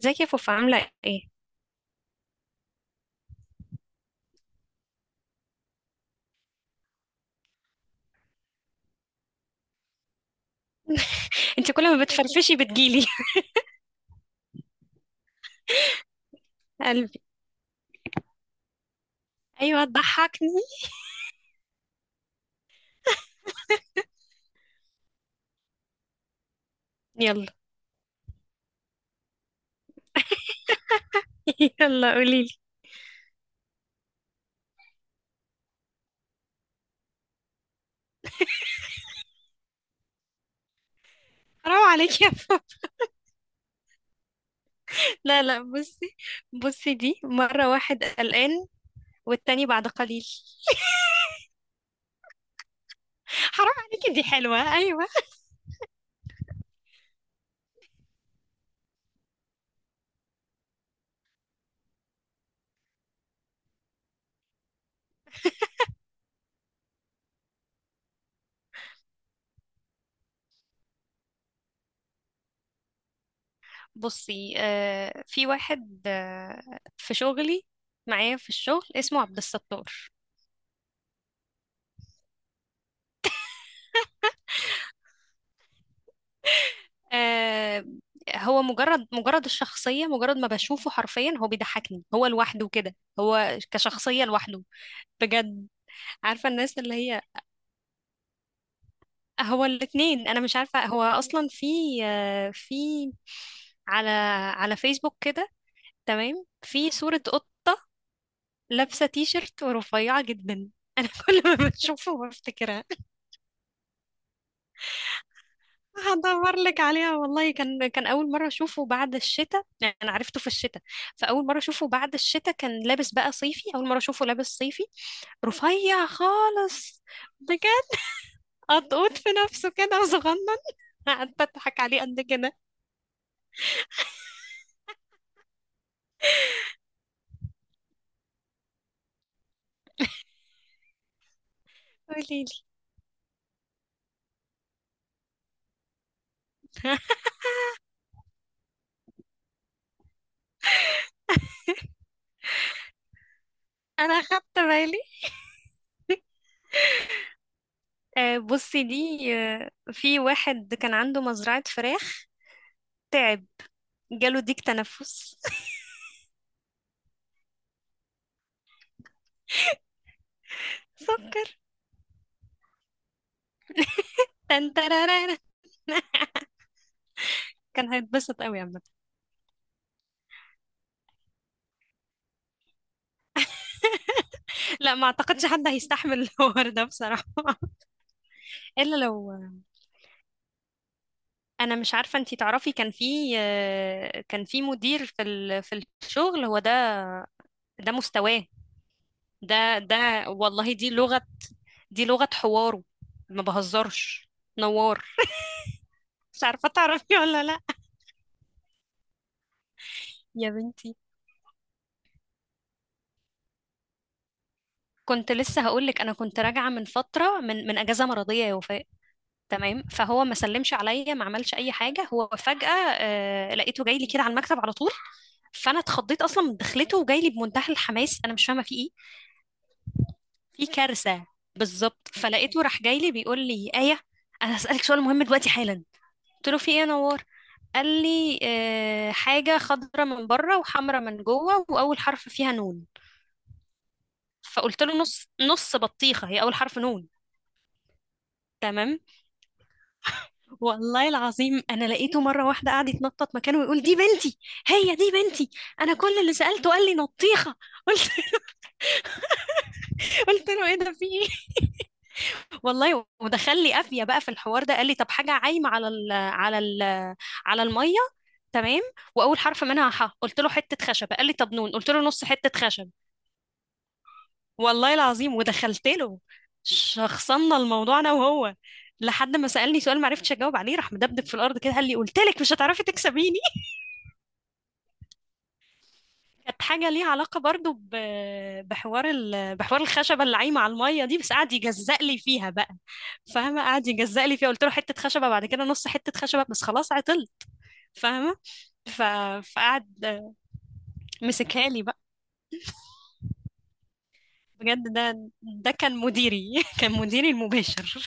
ازيك يا فوفا عاملة ايه؟ انت كل ما بتفرفشي بتجيلي قلبي. ايوه تضحكني. يلا. يلا قوليلي. حرام عليك يا فوفا. لا لا بصي، بصي دي مرة واحد قلقان والتاني بعد قليل. حرام عليكي، دي حلوة ايوه. بصي، في واحد، في شغلي معايا في الشغل، اسمه عبد الستار. آه، هو مجرد الشخصية، مجرد ما بشوفه حرفيا هو بيضحكني، هو لوحده كده، هو كشخصية لوحده. بجد. عارفة الناس اللي هي، هو الاتنين أنا مش عارفة هو أصلا في، في على، على فيسبوك كده. تمام، في صورة قط لابسة تي شيرت ورفيعة جدا. أنا كل ما بشوفه بفتكرها. هدور لك عليها والله. كان أول مرة أشوفه بعد الشتاء، يعني أنا عرفته في الشتاء. فأول مرة أشوفه بعد الشتاء كان لابس بقى صيفي، أول مرة أشوفه لابس صيفي. رفيع خالص، بجد. قطقوط في نفسه كده وصغنن. قعدت أضحك عليه قد كده. قوليلي. انا خدت بالي. بصي دي. في واحد كان عنده مزرعة فراخ، تعب، جاله ديك تنفس سكر. تنترارارا. كان هيتبسط قوي عامة. لا ما اعتقدش حد هيستحمل الحوار ده بصراحة. الا لو انا مش عارفة انتي تعرفي، كان في، كان في مدير في في الشغل، هو ده. ده مستواه. ده ده، والله دي لغة، دي لغة حواره، ما بهزرش. نوار. مش عارفة تعرفي ولا لا. يا بنتي، كنت لسه هقولك انا كنت راجعه من فتره، من اجازه مرضيه يا وفاء. تمام، فهو ما سلمش عليا، ما عملش اي حاجه، هو فجاه آه لقيته جاي لي كده على المكتب على طول. فانا اتخضيت اصلا من دخلته، وجاي لي بمنتهى الحماس، انا مش فاهمه في ايه، في كارثه. بالظبط. فلقيته راح جاي لي بيقول لي ايه، انا هسالك سؤال مهم دلوقتي حالا. قلت له في ايه يا نوار؟ قال لي آه، حاجه خضره من بره وحمره من جوه واول حرف فيها نون. فقلت له نص بطيخه، هي اول حرف نون. تمام. والله العظيم انا لقيته مره واحده قاعد يتنطط مكانه ويقول دي بنتي، هي دي بنتي، انا كل اللي سالته قال لي نطيخه. قلت قلت له ايه ده، في ايه؟ والله ودخل لي قافيه بقى في الحوار ده، قال لي طب حاجه عايمه على ال، على ال، على الميه، تمام، واول حرف منها ح. قلت له حته خشب. قال لي طب نون. قلت له نص حته خشب. والله العظيم ودخلت له، شخصنا الموضوع انا وهو لحد ما سالني سؤال ما عرفتش اجاوب عليه، راح مدبدب في الارض كده، قال لي قلت لك مش هتعرفي تكسبيني. كانت حاجة ليها علاقة برضو بحوار ال، بحوار الخشبة اللي عايمة على المية دي، بس قعد يجزق لي فيها بقى. فاهمة؟ قعد يجزق لي فيها. قلت له حتة خشبة، بعد كده نص حتة خشبة، بس خلاص عطلت. فاهمة؟ ف، فقعد مسكها لي بقى. بجد ده ده كان مديري، كان مديري المباشر.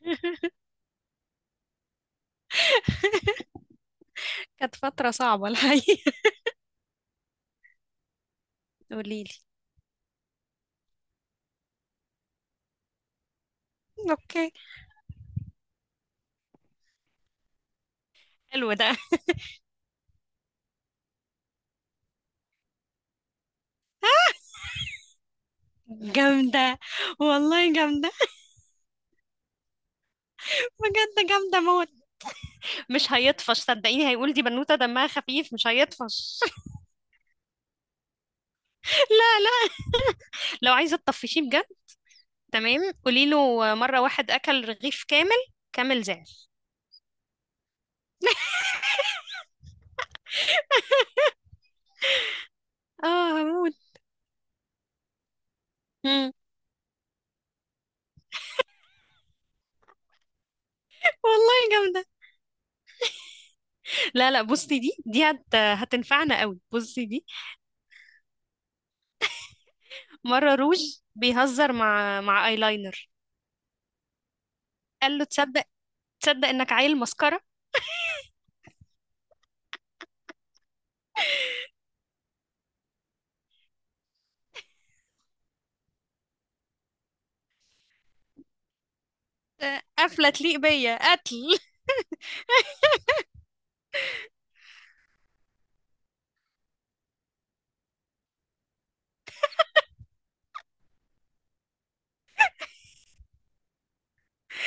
كانت فترة صعبة الحقيقة. قولي لي. اوكي، حلو ده. جامدة، والله جامدة. بجد جامدة موت. مش هيطفش صدقيني، هيقول دي بنوتة دمها خفيف، مش هيطفش. لا لا، لو عايزة تطفشيه بجد، تمام، قولي له مرة واحد أكل رغيف كامل، كامل زعل. اه هموت. مم. والله جامدة. لا لا بصي دي، دي هت، هتنفعنا قوي. بصي دي، مرة روج بيهزر مع، مع ايلاينر، قال له تصدق، تصدق انك عيل مسكرة. آه، قفلة تليق بيا، قتل.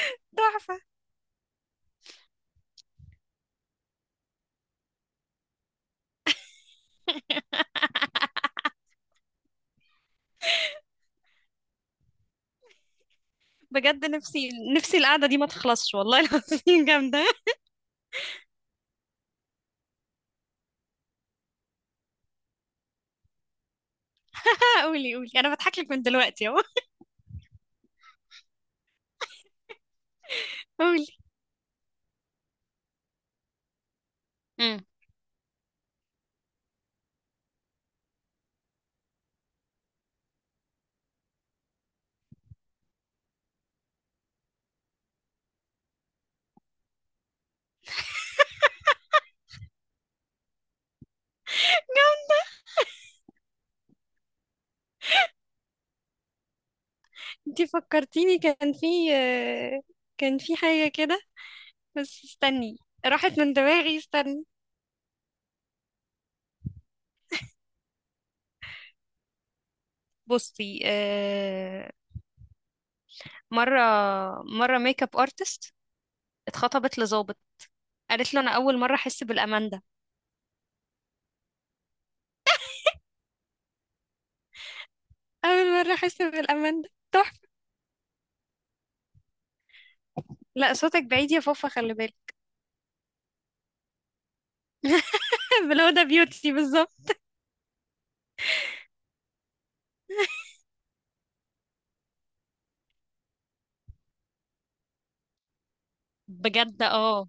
تحفة، بجد. نفسي، نفسي القعدة دي ما تخلصش والله العظيم. جامدة. قولي قولي، انا بضحك لك من دلوقتي اهو. قولي. مم. انتي فكرتيني كان في، آه، كان في حاجة كده، بس استني، راحت من دماغي، استني. بصي، مرة، مرة ميك اب ارتست اتخطبت لظابط، قالت له انا اول مرة احس بالامان ده، اول مرة احس بالامان ده. تحفة. لا صوتك بعيد يا فوفا، خلي بالك. بلو ده بيوتي بالظبط. بجد اه.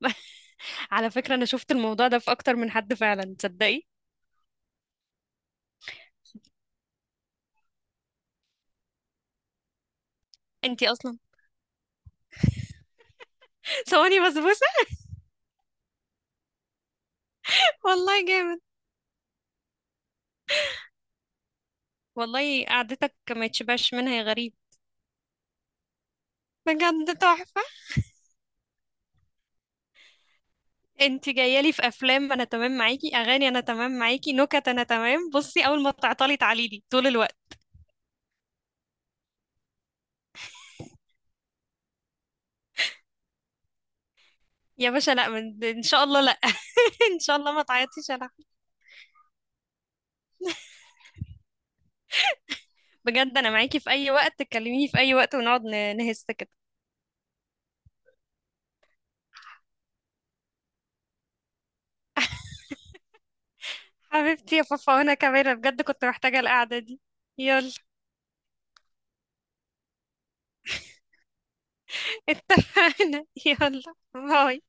على فكرة انا شفت الموضوع ده في اكتر من حد فعلا، تصدقي. انتي اصلا صواني بسبوسة. والله جامد. والله قعدتك ما يتشبعش منها يا غريب. بجد تحفة. انت جاية لي في افلام انا تمام معاكي، اغاني انا تمام معاكي، نكت انا تمام. بصي، اول ما تعطلي تعالي لي طول الوقت. يا باشا لا، ان شاء الله لا. ان شاء الله ما تعيطيش. انا، بجد انا معاكي في اي وقت، تكلميني في اي وقت ونقعد نهز كده. حبيبتي يا فافا، وانا كمان أنا بجد كنت محتاجة القعدة دي. يلا. اتفقنا، يلا. باي.